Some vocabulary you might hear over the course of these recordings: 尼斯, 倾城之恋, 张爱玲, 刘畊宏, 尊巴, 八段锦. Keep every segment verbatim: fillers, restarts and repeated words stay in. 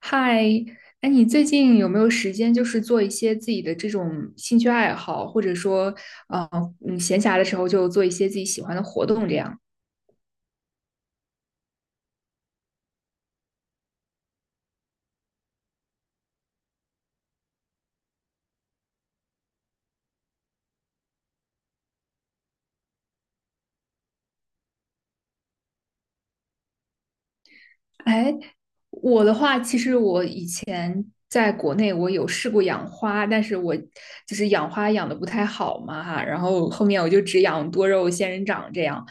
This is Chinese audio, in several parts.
嗨，哎，你最近有没有时间，就是做一些自己的这种兴趣爱好，或者说，呃，嗯，闲暇的时候就做一些自己喜欢的活动这样？哎，我的话，其实我以前在国内我有试过养花，但是我就是养花养的不太好嘛哈，然后后面我就只养多肉仙人掌这样。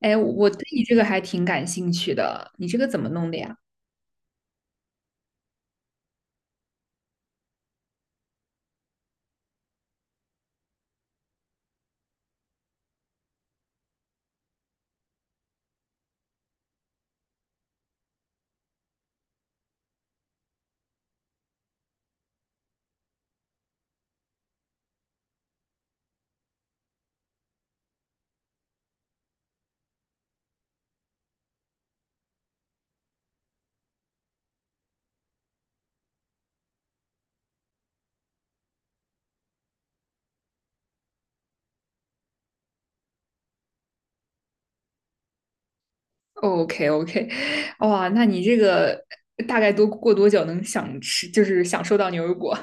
哎，我对你这个还挺感兴趣的，你这个怎么弄的呀？OK OK。哇，那你这个大概多过多久能想吃，就是享受到牛油果？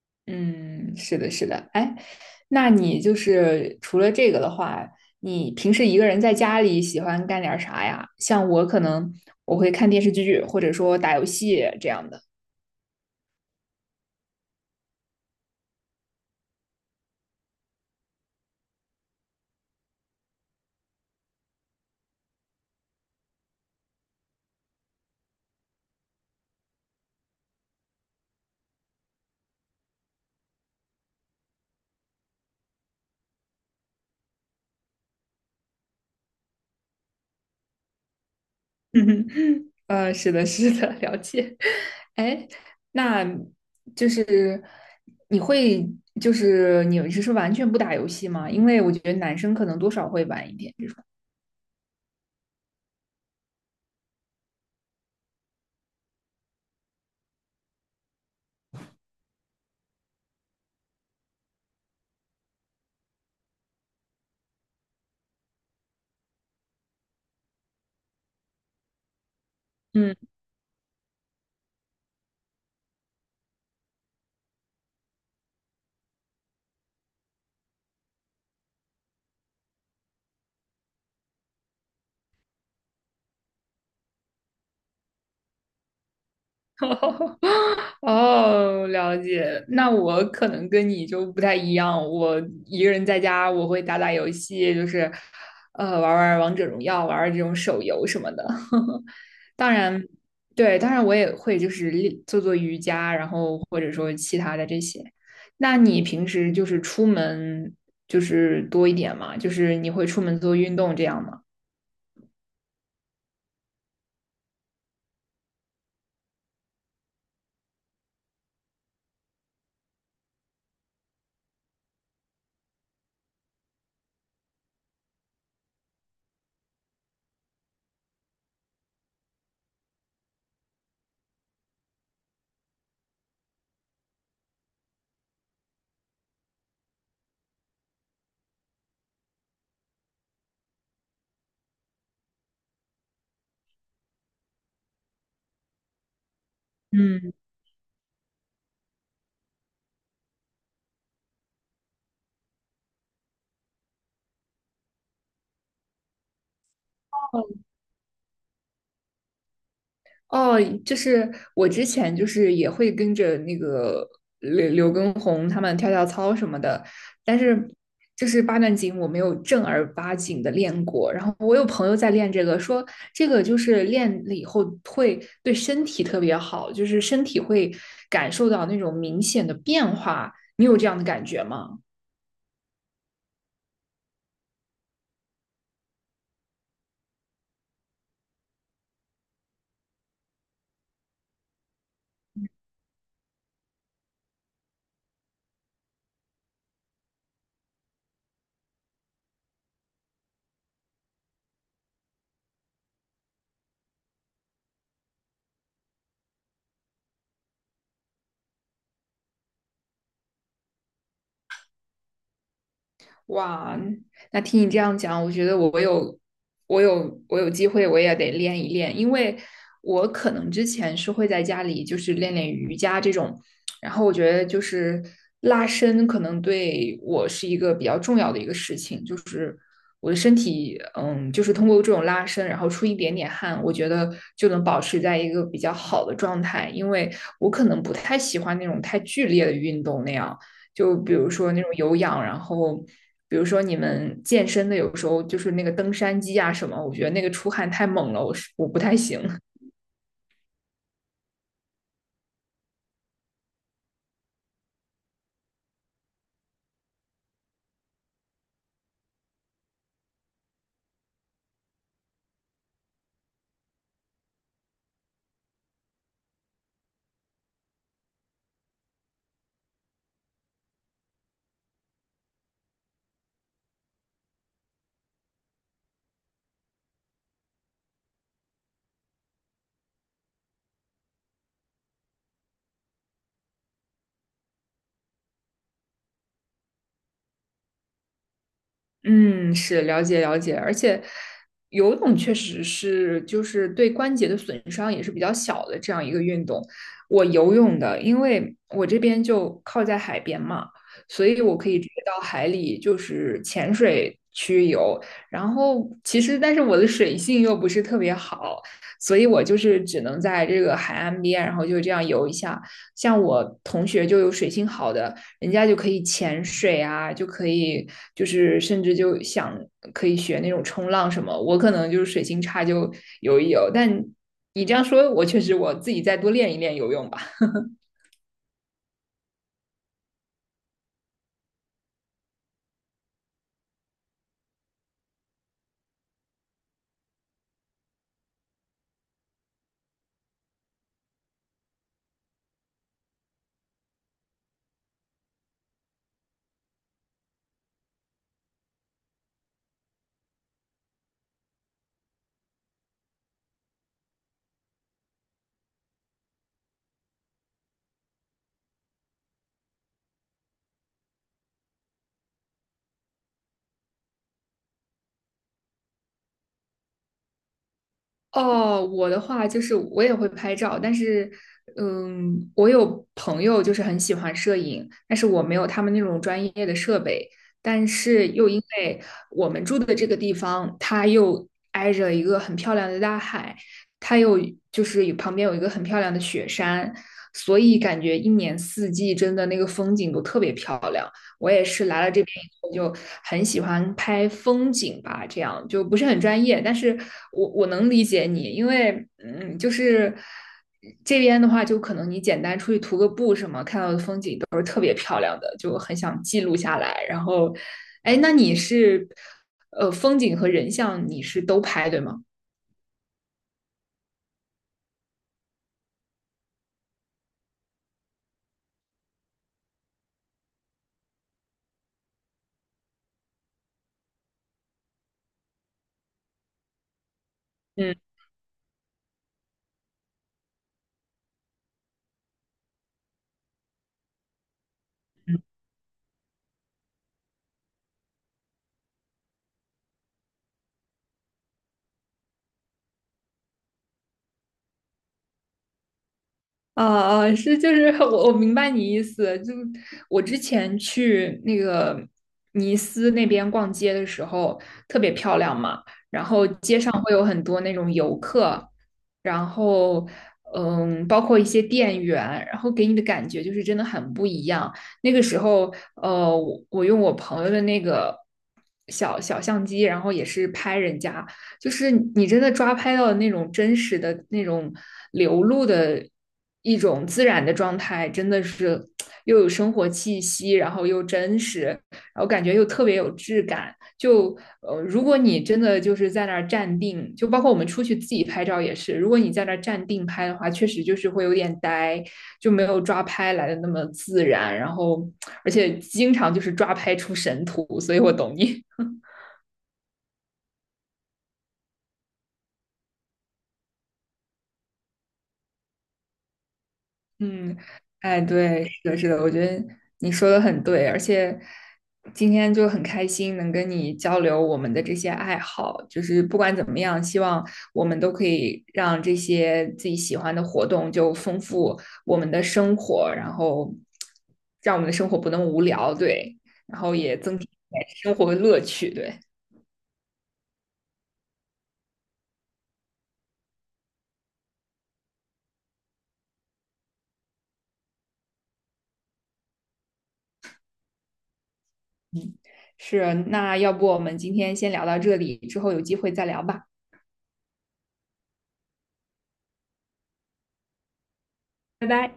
嗯，是的，是的。哎，那你就是除了这个的话，你平时一个人在家里喜欢干点啥呀？像我可能我会看电视剧，或者说打游戏这样的。嗯，呃是的，是的，了解。哎，那就是你会，就是你是说完全不打游戏吗？因为我觉得男生可能多少会玩一点这种。嗯。哦，了解。那我可能跟你就不太一样，我一个人在家，我会打打游戏，就是，呃，玩玩王者荣耀，玩玩这种手游什么的。当然，对，当然我也会就是练做做瑜伽，然后或者说其他的这些。那你平时就是出门就是多一点嘛？就是你会出门做运动这样吗？嗯哦，就是我之前就是也会跟着那个刘刘畊宏他们跳跳操什么的，但是就是八段锦我没有正儿八经的练过。然后我有朋友在练这个，说这个就是练了以后会对身体特别好，就是身体会感受到那种明显的变化。你有这样的感觉吗？哇，那听你这样讲，我觉得我有我有我有机会，我也得练一练，因为我可能之前是会在家里就是练练瑜伽这种，然后我觉得就是拉伸可能对我是一个比较重要的一个事情，就是我的身体，嗯，就是通过这种拉伸，然后出一点点汗，我觉得就能保持在一个比较好的状态，因为我可能不太喜欢那种太剧烈的运动那样。就比如说那种有氧，然后比如说你们健身的，有时候就是那个登山机啊什么，我觉得那个出汗太猛了，我是我不太行。嗯，是了解了解，而且游泳确实是就是对关节的损伤也是比较小的这样一个运动。我游泳的，因为我这边就靠在海边嘛，所以我可以直接到海里就是潜水去游。然后其实，但是我的水性又不是特别好，所以我就是只能在这个海岸边，然后就这样游一下。像我同学就有水性好的。人家就可以潜水啊，就可以就是甚至就想可以学那种冲浪什么。我可能就是水性差，就游一游。但你这样说，我确实我自己再多练一练游泳吧。哦，我的话就是我也会拍照，但是，嗯，我有朋友就是很喜欢摄影，但是我没有他们那种专业的设备，但是又因为我们住的这个地方，它又挨着一个很漂亮的大海，它又就是有旁边有一个很漂亮的雪山，所以感觉一年四季真的那个风景都特别漂亮。我也是来了这边以后就很喜欢拍风景吧，这样就不是很专业，但是我我能理解你，因为嗯，就是这边的话，就可能你简单出去徒个步什么，看到的风景都就很想记录下来。然后，哎，那你是呃风景和人像你是都拍对吗？嗯啊啊，是就是 我我明白你意思，就我之前去那个尼斯那边逛街的时候，特别漂亮嘛，然后街上会有很多那种游客，然后嗯，包括一些店员，然后给你的感觉就是真的很不一样。那个时候，呃，我我用我朋友的那个小小相机，然后也是拍人家。就是你真的抓拍到的那种真实的那种流露的一种自然的状态，真的是又有生活气息，然后又真实，然后感觉又特别有质感。就呃，如果你真的就是在那儿站定，就包括我们出去自己拍照也是，如果你在那儿站定拍的话，确实就是会有点呆，就没有抓拍来的那么自然。然后，而且经常就是抓拍出神图，所以我懂你。嗯，哎，对，是的，是的，我觉得你说的很对，而且今天就很开心能跟你交流我们的这些爱好，就是不管怎么样，希望我们都可以让这些自己喜欢的活动就丰富我们的生活，然后让我们的生活不那么无聊，对，然后也增添一点生活的乐趣，对，是，那要不我们今天先聊到这里，之后有机会再聊吧，拜拜。